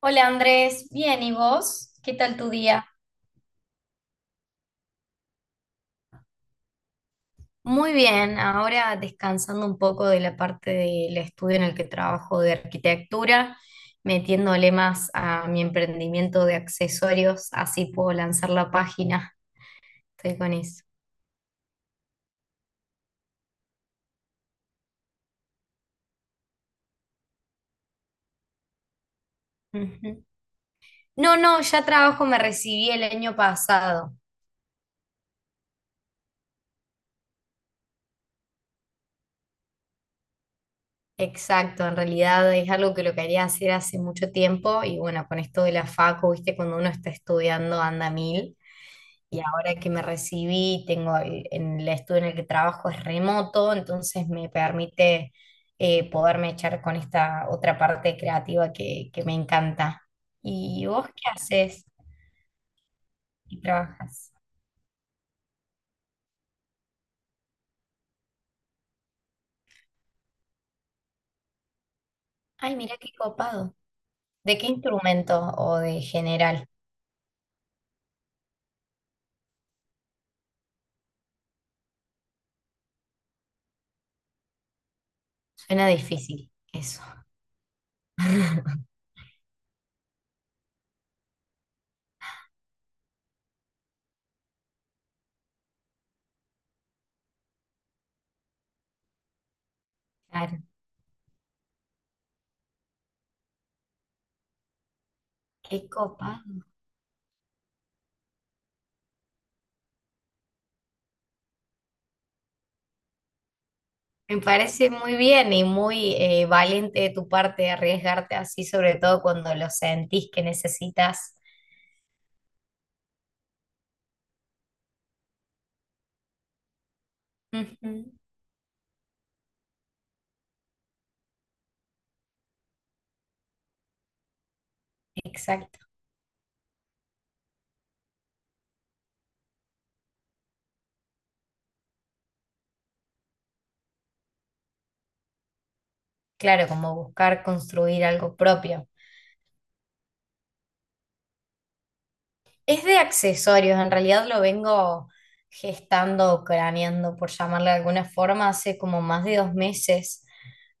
Hola Andrés, bien, ¿y vos? ¿Qué tal tu día? Muy bien, ahora descansando un poco de la parte del estudio en el que trabajo de arquitectura, metiéndole más a mi emprendimiento de accesorios, así puedo lanzar la página. Estoy con eso. Ujú. No, no, ya trabajo, me recibí el año pasado. Exacto, en realidad es algo que lo quería hacer hace mucho tiempo y bueno, con esto de la facu, viste, cuando uno está estudiando anda a mil. Y ahora que me recibí, en el estudio en el que trabajo es remoto, entonces me permite poderme echar con esta otra parte creativa que me encanta. ¿Y vos qué haces y trabajas? Ay, mira qué copado. ¿De qué instrumento o de general? Suena difícil eso. Claro, qué copado. Me parece muy bien y muy valiente de tu parte arriesgarte así, sobre todo cuando lo sentís que necesitas. Ujú. Exacto. Claro, como buscar construir algo propio. Es de accesorios, en realidad lo vengo gestando craneando, por llamarle de alguna forma, hace como más de 2 meses,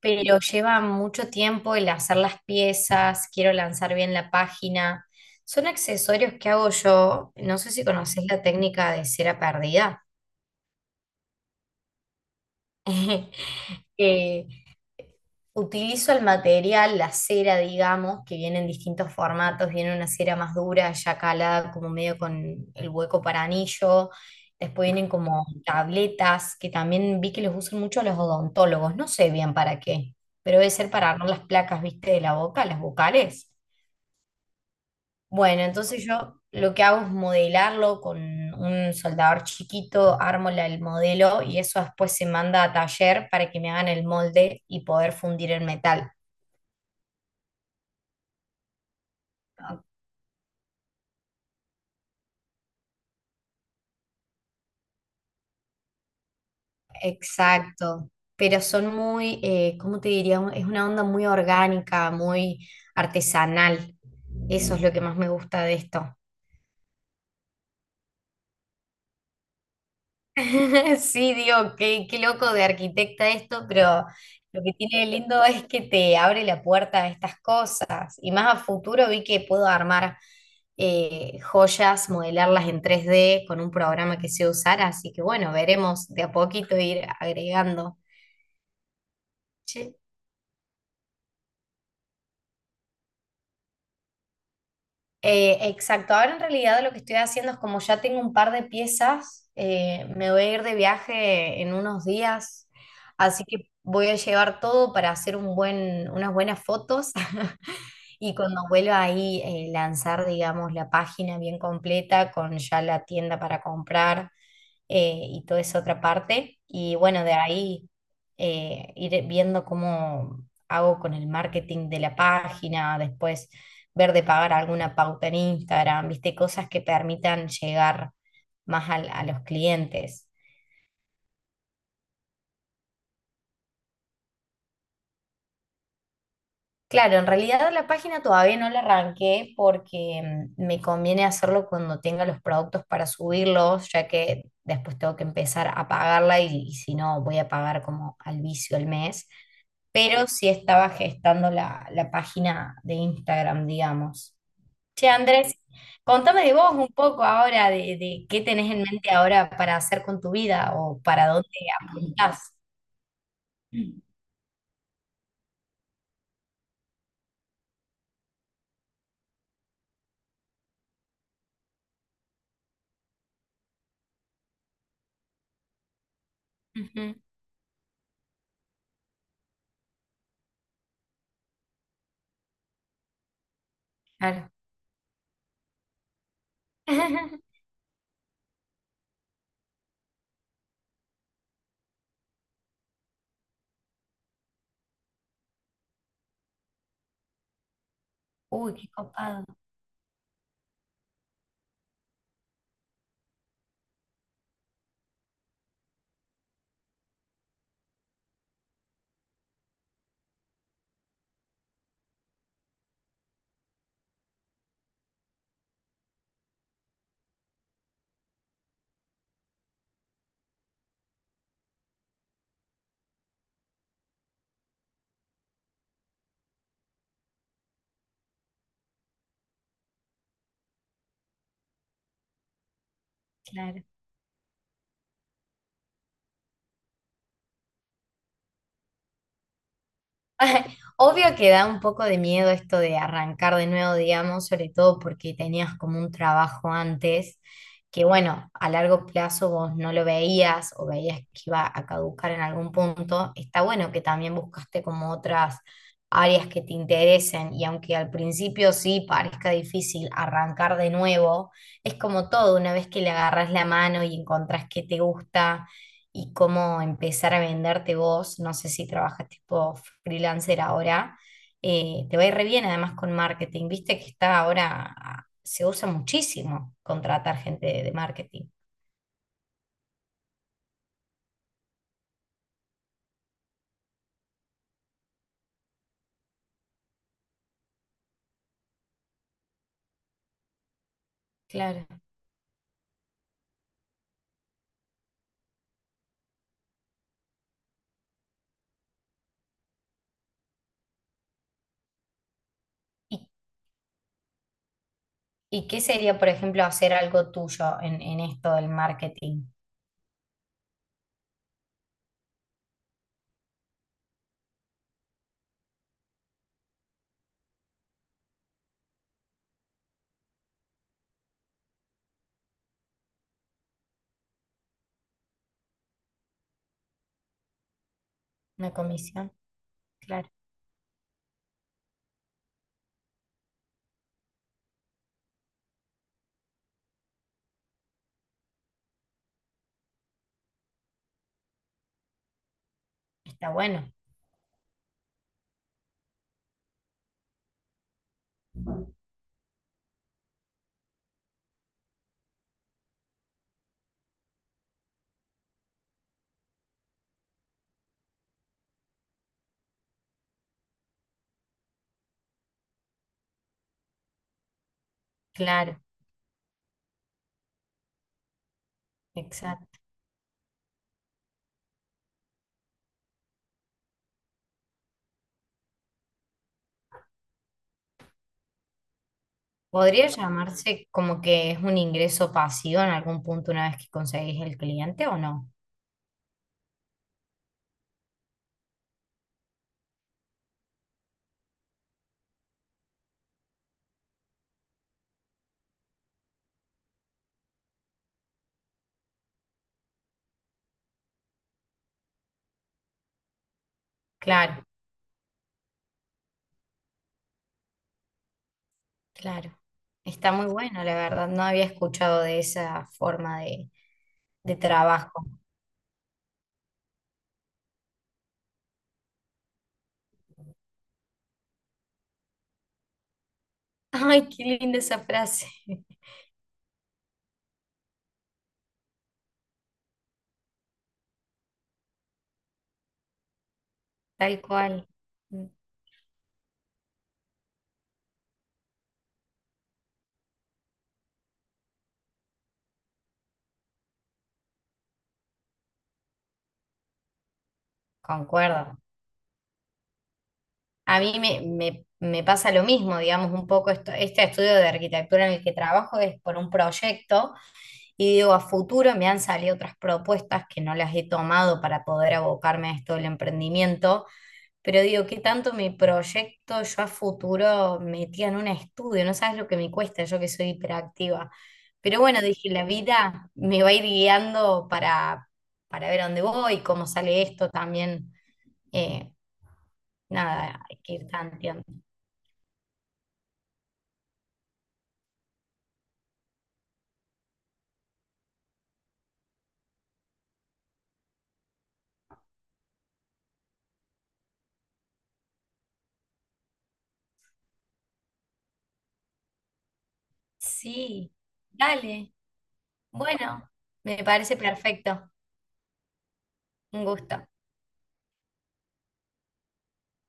pero lleva mucho tiempo el hacer las piezas, quiero lanzar bien la página. Son accesorios que hago yo, no sé si conoces la técnica de cera perdida. Eh, Utilizo el material, la cera, digamos, que viene en distintos formatos. Viene una cera más dura, ya calada, como medio con el hueco para anillo. Después vienen como tabletas, que también vi que los usan mucho los odontólogos. No sé bien para qué, pero debe ser para armar las placas, viste, de la boca, las bucales. Bueno, entonces yo lo que hago es modelarlo con un soldador chiquito, armo el modelo y eso después se manda a taller para que me hagan el molde y poder fundir el metal. Exacto, pero son muy, ¿cómo te diría? Es una onda muy orgánica, muy artesanal. Eso es lo que más me gusta de esto. Sí, digo, qué loco de arquitecta esto, pero lo que tiene de lindo es que te abre la puerta a estas cosas. Y más a futuro vi que puedo armar joyas, modelarlas en 3D con un programa que sé usar, así que bueno, veremos de a poquito ir agregando. Exacto, ahora en realidad lo que estoy haciendo es como ya tengo un par de piezas, me voy a ir de viaje en unos días, así que voy a llevar todo para hacer un buen, unas buenas fotos y cuando vuelva ahí lanzar, digamos, la página bien completa con ya la tienda para comprar, y toda esa otra parte. Y bueno, de ahí ir viendo cómo hago con el marketing de la página, después ver de pagar alguna pauta en Instagram, viste, cosas que permitan llegar más a los clientes. Claro, en realidad la página todavía no la arranqué porque me conviene hacerlo cuando tenga los productos para subirlos, ya que después tengo que empezar a pagarla y si no voy a pagar como al vicio el mes. Pero sí estaba gestando la página de Instagram, digamos. Che, Andrés, contame de vos un poco ahora, de qué tenés en mente ahora para hacer con tu vida o para dónde apuntás. Ujú, claro. Uy, qué copado, claro. Obvio que da un poco de miedo esto de arrancar de nuevo, digamos, sobre todo porque tenías como un trabajo antes que, bueno, a largo plazo vos no lo veías o veías que iba a caducar en algún punto. Está bueno que también buscaste como otras áreas que te interesen y aunque al principio sí parezca difícil arrancar de nuevo, es como todo, una vez que le agarras la mano y encontrás qué te gusta y cómo empezar a venderte vos. No sé si trabajas tipo freelancer ahora. Te va a ir re bien además con marketing. Viste que está ahora, ah, se usa muchísimo contratar gente de marketing. Claro. ¿Y, y qué sería, por ejemplo, hacer algo tuyo en esto del marketing? Una comisión. Claro. Está bueno. Claro, exacto. Podría llamarse como que es un ingreso pasivo en algún punto una vez que conseguís el cliente o no. Claro. Claro, está muy bueno, la verdad. No había escuchado de esa forma de trabajo. Ay, qué linda esa frase. Tal cual. Concuerdo. A mí me pasa lo mismo, digamos, un poco este estudio de arquitectura en el que trabajo es por un proyecto y digo, a futuro me han salido otras propuestas que no las he tomado para poder abocarme a esto del emprendimiento, pero digo, ¿qué tanto mi proyecto yo a futuro metía en un estudio? No sabes lo que me cuesta, yo que soy hiperactiva. Pero bueno, dije, la vida me va a ir guiando para ver a dónde voy, cómo sale esto también. Eh, Nada, hay que ir tanteando. Sí, dale. Bueno, me parece perfecto. Un gusto.